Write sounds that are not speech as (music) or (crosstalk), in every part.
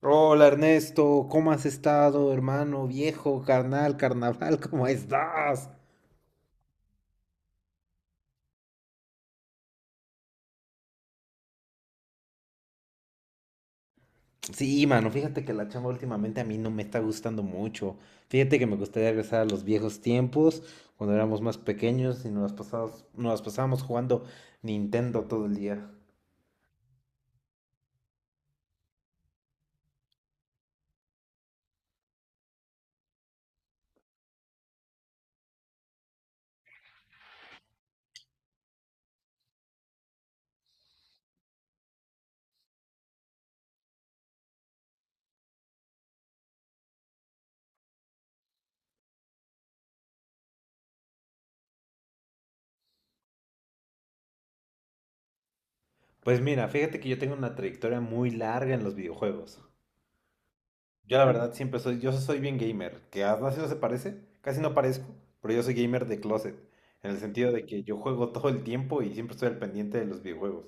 Hola Ernesto, ¿cómo has estado, hermano, viejo, carnal, carnaval? (laughs) ¿Cómo estás? Sí, mano, fíjate que la chamba últimamente a mí no me está gustando mucho. Fíjate que me gustaría regresar a los viejos tiempos, cuando éramos más pequeños y nos las pasábamos jugando Nintendo todo el día. Pues mira, fíjate que yo tengo una trayectoria muy larga en los videojuegos. Yo la verdad siempre soy, yo soy bien gamer, que a no se parece, casi no parezco, pero yo soy gamer de closet, en el sentido de que yo juego todo el tiempo y siempre estoy al pendiente de los videojuegos.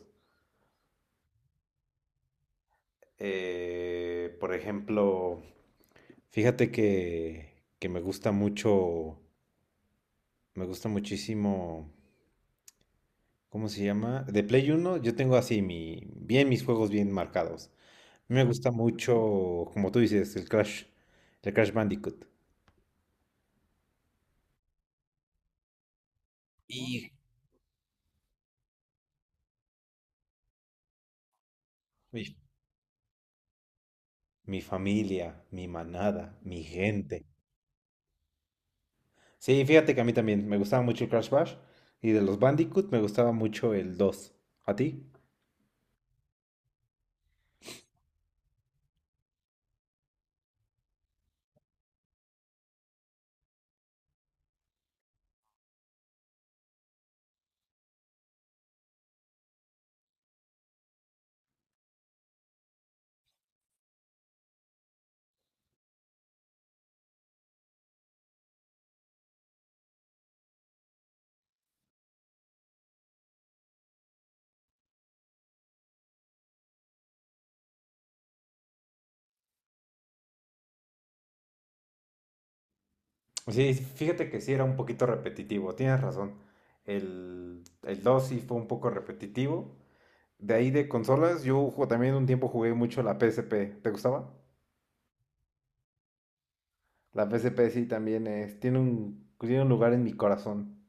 Por ejemplo, fíjate que, que me gusta mucho, me gusta muchísimo, ¿cómo se llama? De Play uno, yo tengo así mi, bien mis juegos bien marcados. A mí me gusta mucho, como tú dices, el Crash Bandicoot. Y, y Mi familia, mi manada, mi gente. Sí, fíjate que a mí también me gustaba mucho el Crash Bash y de los Bandicoot me gustaba mucho el 2. ¿A ti? Sí, fíjate que sí era un poquito repetitivo, tienes razón. El 2 sí fue un poco repetitivo. De ahí de consolas, también un tiempo jugué mucho la PSP. ¿Te gustaba? La PSP sí también es, tiene un lugar en mi corazón.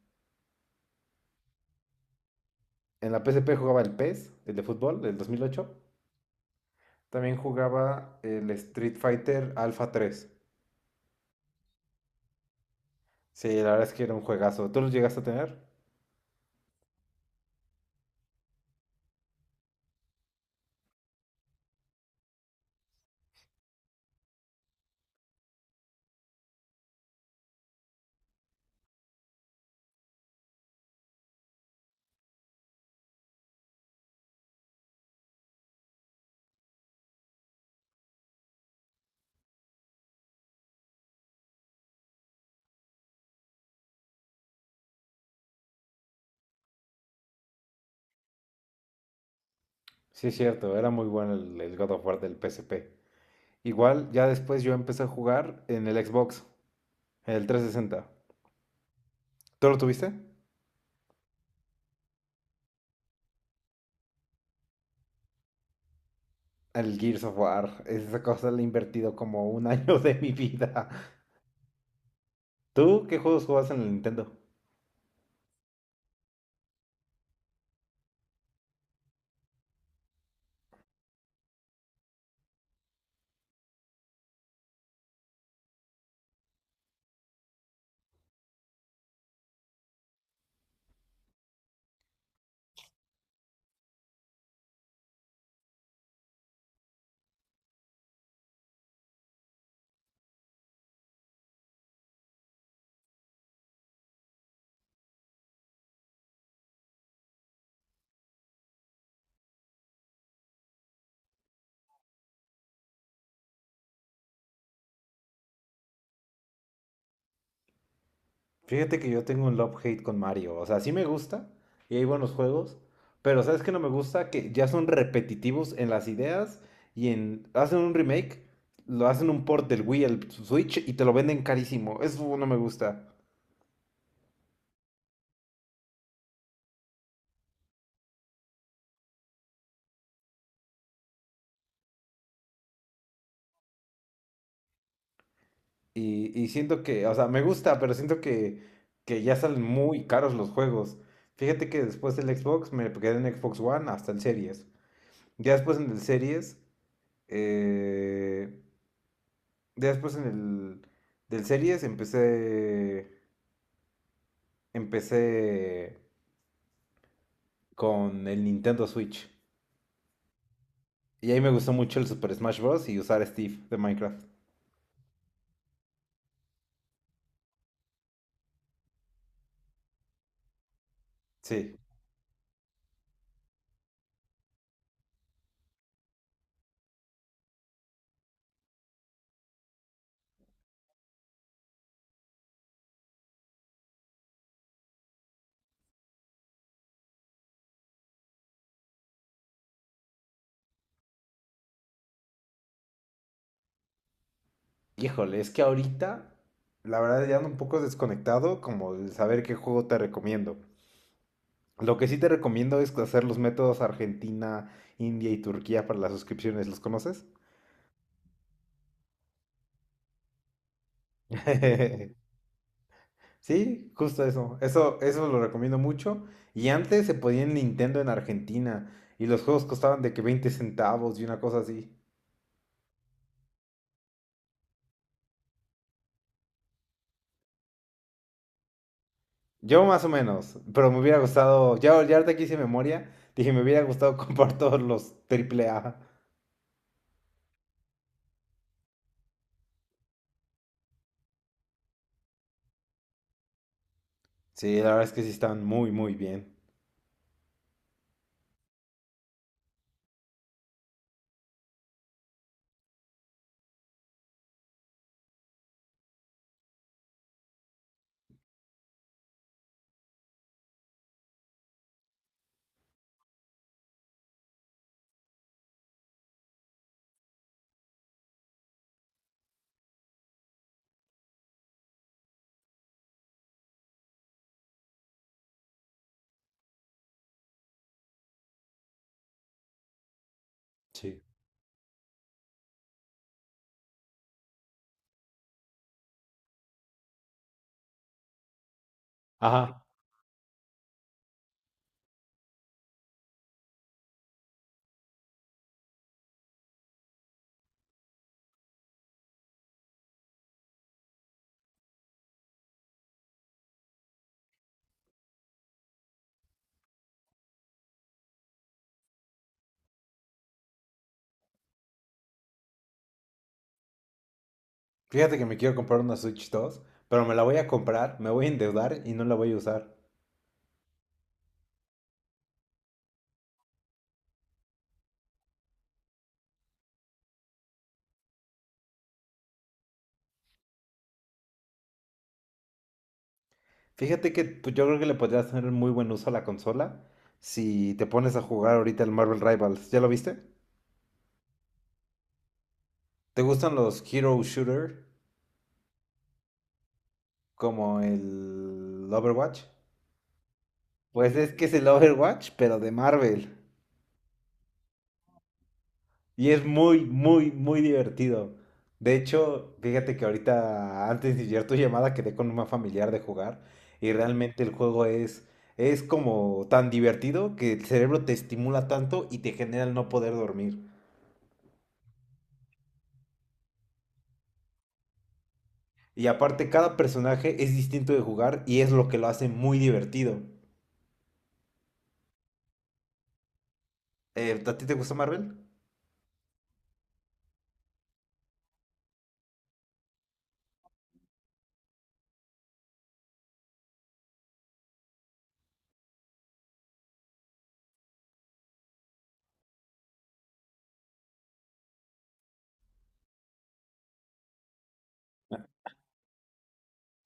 En la PSP jugaba el PES, el de fútbol, del 2008. También jugaba el Street Fighter Alpha tres. Sí, la verdad es que era un juegazo. ¿Tú lo llegaste a tener? Sí, es cierto, era muy bueno el God of War del P S P. Igual, ya después yo empecé a jugar en el Xbox, en el 360. ¿Tú lo tuviste? El Gears of War. Esa cosa le he invertido como un año (laughs) de mi vida. ¿Tú qué juegos jugabas en el Nintendo? Fíjate que yo tengo un love-hate con Mario. O sea, sí me gusta y hay buenos juegos, pero ¿sabes qué no me gusta? Que ya son repetitivos en las ideas y en... Hacen un remake, lo hacen un port del Wii al Switch y te lo venden carísimo. Eso no me gusta. Y siento que, o sea, me gusta, pero siento que ya salen muy caros los juegos. Fíjate que después del Xbox me quedé en Xbox One hasta el Series. Ya después en el Series... eh, Después en el del series empecé con el Nintendo Switch. Y ahí me gustó mucho el Super Smash Bros. Y usar a Steve de Minecraft. Sí. Híjole, es que ahorita, la verdad, ya ando un poco desconectado como el saber qué juego te recomiendo. Lo que sí te recomiendo es hacer los métodos Argentina, India y Turquía para las suscripciones. ¿Los conoces? (laughs) Sí, justo eso. Eso lo recomiendo mucho. Y antes se podía en Nintendo en Argentina y los juegos costaban de que 20 centavos y una cosa así. Yo más o menos, pero me hubiera gustado, ya, ya ahorita que hice memoria, dije, me hubiera gustado (laughs) comprar todos los triple A. Sí, la verdad es que sí están muy, muy bien. Sí. Ajá. Fíjate que me quiero comprar una Switch 2, pero me la voy a comprar, me voy a endeudar y no la voy a usar. Fíjate que pues, yo creo que le podrías hacer muy buen uso a la consola si te pones a jugar ahorita el Marvel Rivals. ¿Ya lo viste? ¿Te gustan los Hero Shooter como el Overwatch? Pues es que es el Overwatch, pero de Marvel. Y es muy, muy, muy divertido. De hecho, fíjate que ahorita, antes de llegar tu llamada, quedé con una familiar de jugar. Y realmente el juego es como tan divertido que el cerebro te estimula tanto y te genera el no poder dormir. Y aparte, cada personaje es distinto de jugar y es lo que lo hace muy divertido. ¿A ti te gusta Marvel?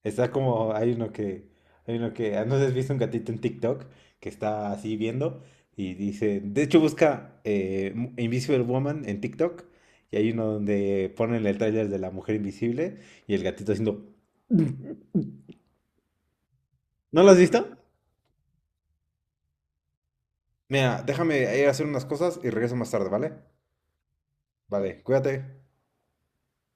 Está como, hay uno que, ah, no sé si has visto un gatito en TikTok que está así viendo y dice, de hecho busca Mu- Invisible Woman en TikTok y hay uno donde ponen el tráiler de la mujer invisible y el gatito haciendo... (laughs) ¿No lo has visto? Mira, déjame ir a hacer unas cosas y regreso más tarde, ¿vale? Vale, cuídate.